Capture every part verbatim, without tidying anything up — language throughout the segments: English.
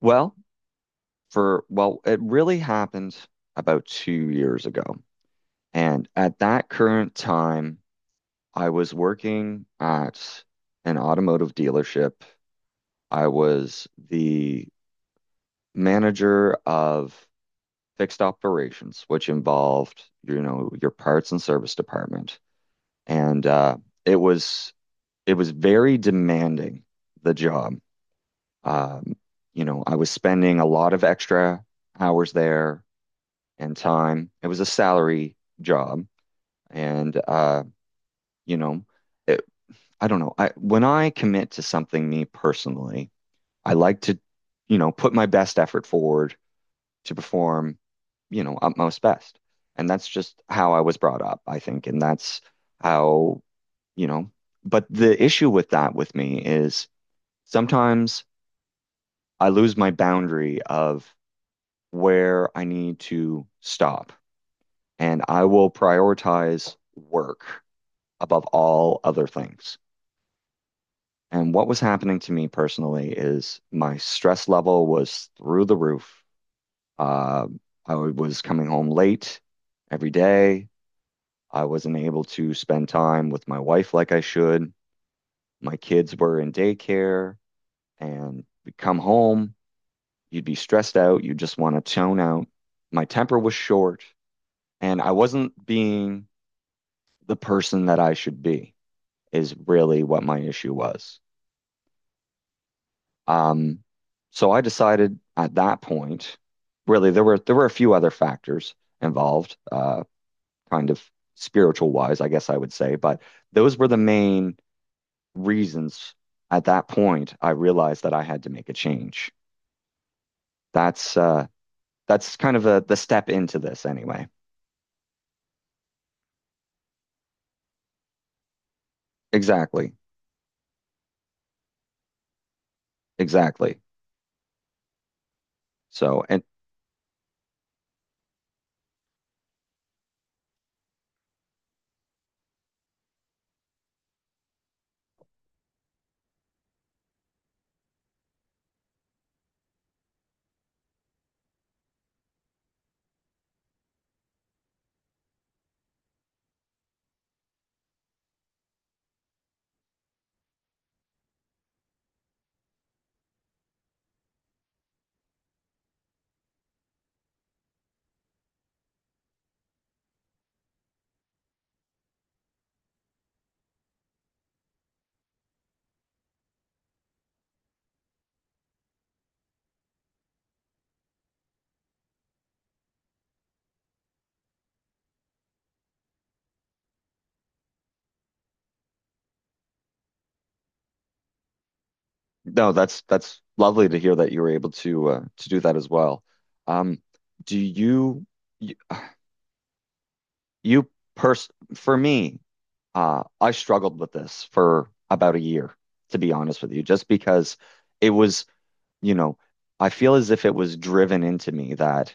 Well, for well, it really happened about two years ago. And at that current time, I was working at an automotive dealership. I was the manager of fixed operations, which involved, you know, your parts and service department. And uh, it was it was very demanding, the job. Um, you know, I was spending a lot of extra hours there and time. It was a salary job. And, uh, you know, it, I don't know. I, when I commit to something, me personally, I like to, you know, put my best effort forward to perform, you know, utmost best. And that's just how I was brought up, I think. And that's how, you know, but the issue with that with me is sometimes I lose my boundary of where I need to stop. And I will prioritize work above all other things. And what was happening to me personally is my stress level was through the roof. Uh, I was coming home late every day. I wasn't able to spend time with my wife like I should. My kids were in daycare, and we'd come home, you'd be stressed out, you just want to tone out. My temper was short, and I wasn't being the person that I should be, is really what my issue was. Um, So I decided at that point, really, there were there were a few other factors involved, uh, kind of spiritual wise, I guess I would say, but those were the main reasons. At that point, I realized that I had to make a change. That's uh, that's kind of a, the step into this anyway. Exactly, exactly. So, and no, that's that's lovely to hear that you were able to uh, to do that as well. Um, do you? You pers For me, uh, I struggled with this for about a year, to be honest with you, just because it was, you know, I feel as if it was driven into me that,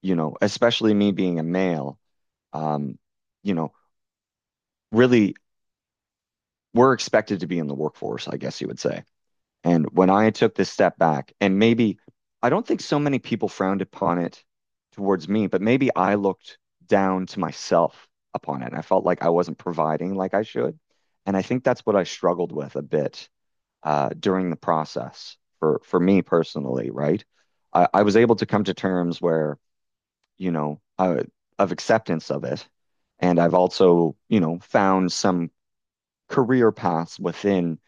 you know, especially me being a male, um, you know, really we're expected to be in the workforce, I guess you would say. And when I took this step back, and maybe I don't think so many people frowned upon it towards me, but maybe I looked down to myself upon it. And I felt like I wasn't providing like I should. And I think that's what I struggled with a bit uh, during the process for, for me personally, right? I, I was able to come to terms where, you know, uh, of acceptance of it. And I've also, you know, found some career paths within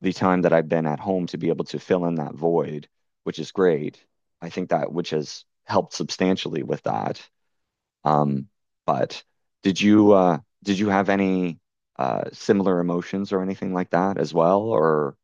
the time that I've been at home to be able to fill in that void, which is great. I think that which has helped substantially with that. Um, but did you uh, did you have any uh, similar emotions or anything like that as well? Or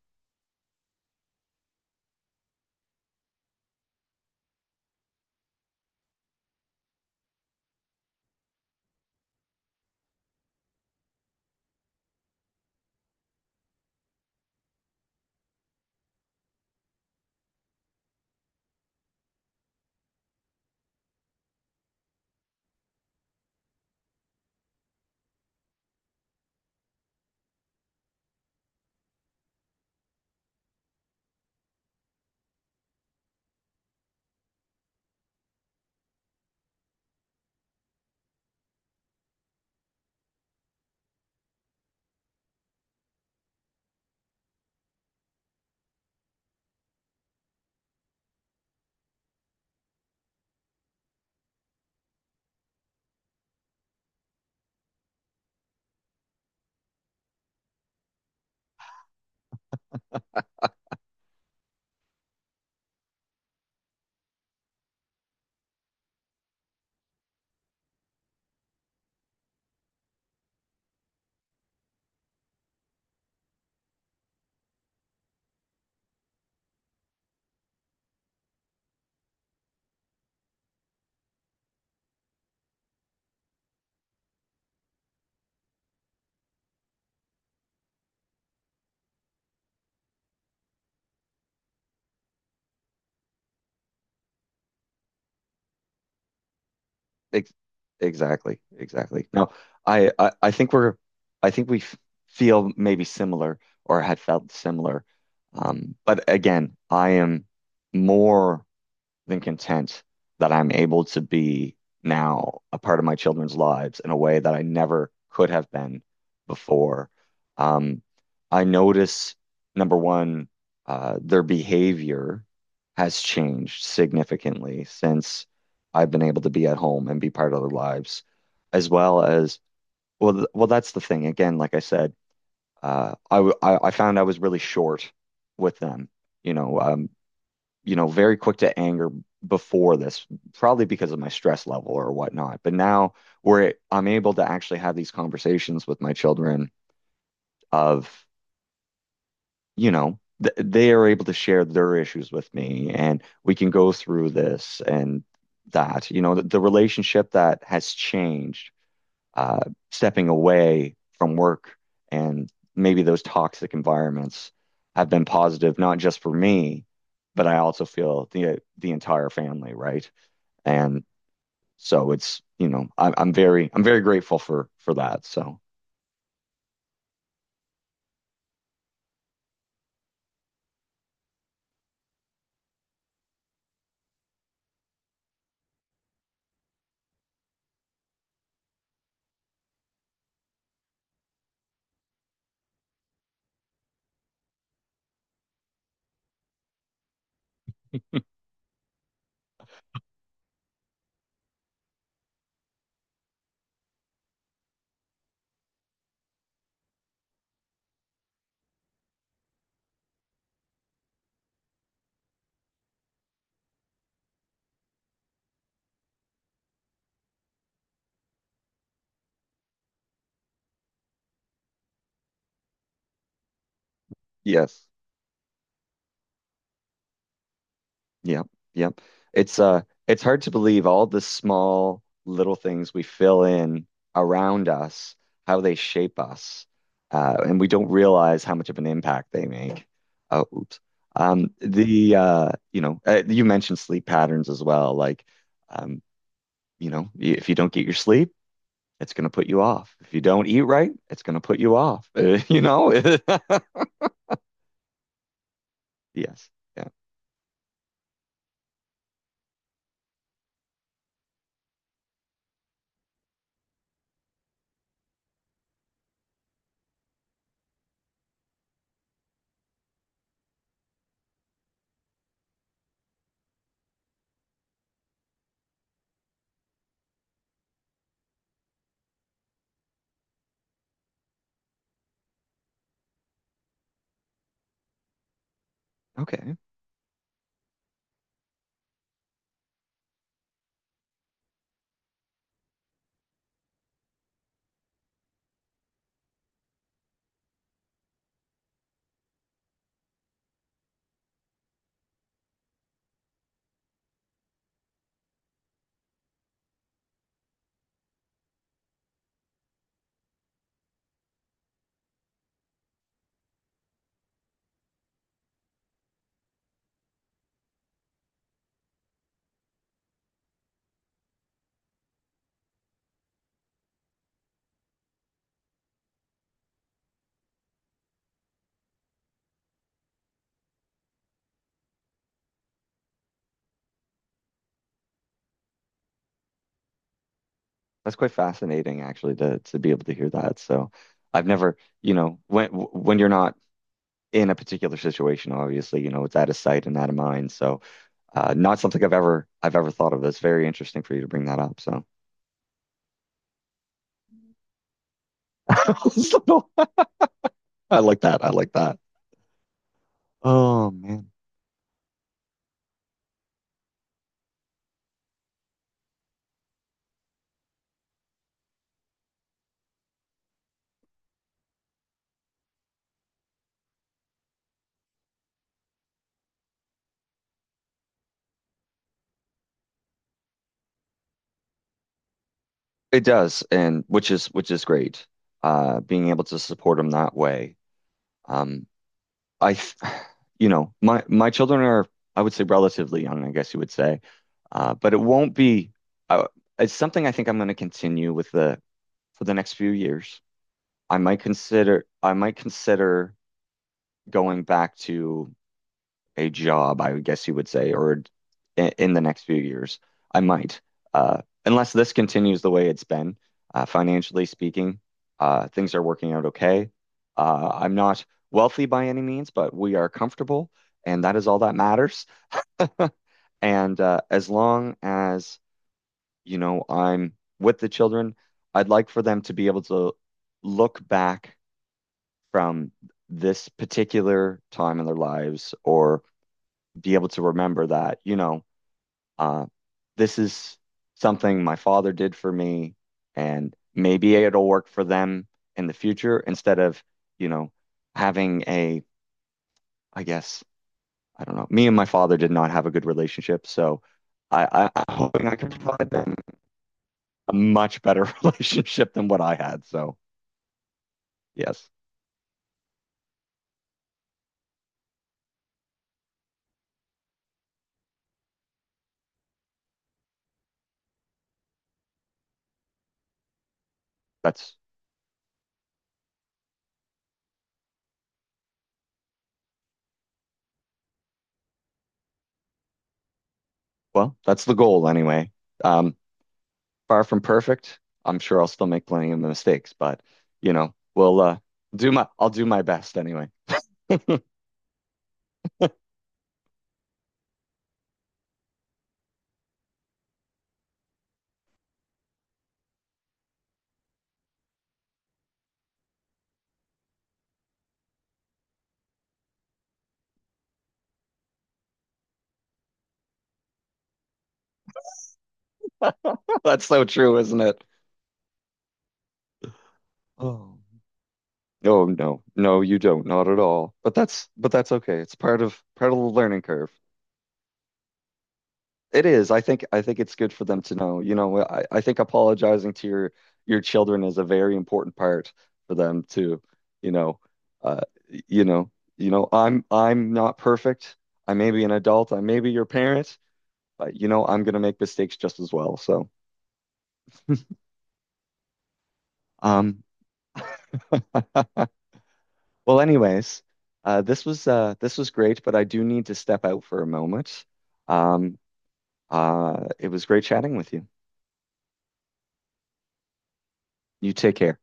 ex Exactly, exactly. No, I, I I think we're I think we f feel maybe similar or had felt similar. Um, but again, I am more than content that I'm able to be now a part of my children's lives in a way that I never could have been before. Um, I notice, number one, uh, their behavior has changed significantly since I've been able to be at home and be part of their lives, as well as, well, th well, that's the thing. Again, like I said, uh, I, w- I I found I was really short with them. You know, um, you know, very quick to anger before this, probably because of my stress level or whatnot. But now where I'm able to actually have these conversations with my children of, you know, th they are able to share their issues with me and we can go through this and that, you know, the, the relationship that has changed uh, stepping away from work and maybe those toxic environments have been positive, not just for me, but I also feel the the entire family, right? And so it's, you know, I, I'm very I'm very grateful for for that. So yes. Yep, yep. It's uh it's hard to believe all the small little things we fill in around us, how they shape us. Uh, and we don't realize how much of an impact they make. Oh, oops. Um, the uh, You know, uh, you mentioned sleep patterns as well. Like, um, you know, y- if you don't get your sleep, it's going to put you off. If you don't eat right, it's going to put you off. You know? Yes. Yeah. Okay. That's quite fascinating, actually, to to be able to hear that. So, I've never, you know, when when you're not in a particular situation, obviously, you know, it's out of sight and out of mind. So, uh, not something I've ever I've ever thought of. That's very interesting for you to bring that up. So, So, I like that. I like that. Oh man, it does, and which is which is great. Uh, being able to support them that way. Um, I, th- you know, my my children are, I would say, relatively young. I guess you would say. Uh, but it won't be. Uh, it's something I think I'm going to continue with the for the next few years. I might consider I might consider going back to a job, I would guess you would say, or in, in the next few years. I might, uh, Unless this continues the way it's been. Uh, financially speaking, uh, things are working out okay. Uh, I'm not wealthy by any means, but we are comfortable, and that is all that matters. And uh, as long as you know, I'm with the children. I'd like for them to be able to look back from this particular time in their lives or be able to remember that, you know, uh, this is something my father did for me, and maybe it'll work for them in the future instead of, you know, having a, I guess, I don't know. Me and my father did not have a good relationship, so I, I, I'm hoping I can provide them a much better relationship than what I had. So yes, that's well, that's the goal anyway. Um, far from perfect. I'm sure I'll still make plenty of mistakes, but you know, we'll uh, do my I'll do my best anyway. That's so true, isn't it? Oh. No, no, no, you don't, not at all. But that's but that's okay. It's part of part of the learning curve. It is. I think I think it's good for them to know. You know, I, I think apologizing to your your children is a very important part for them too. you know, uh, you know, you know, I'm I'm not perfect. I may be an adult. I may be your parent, but you know, I'm gonna make mistakes just as well. So, um, well, anyways, uh, this was uh this was great, but I do need to step out for a moment. Um, uh, it was great chatting with you. You take care.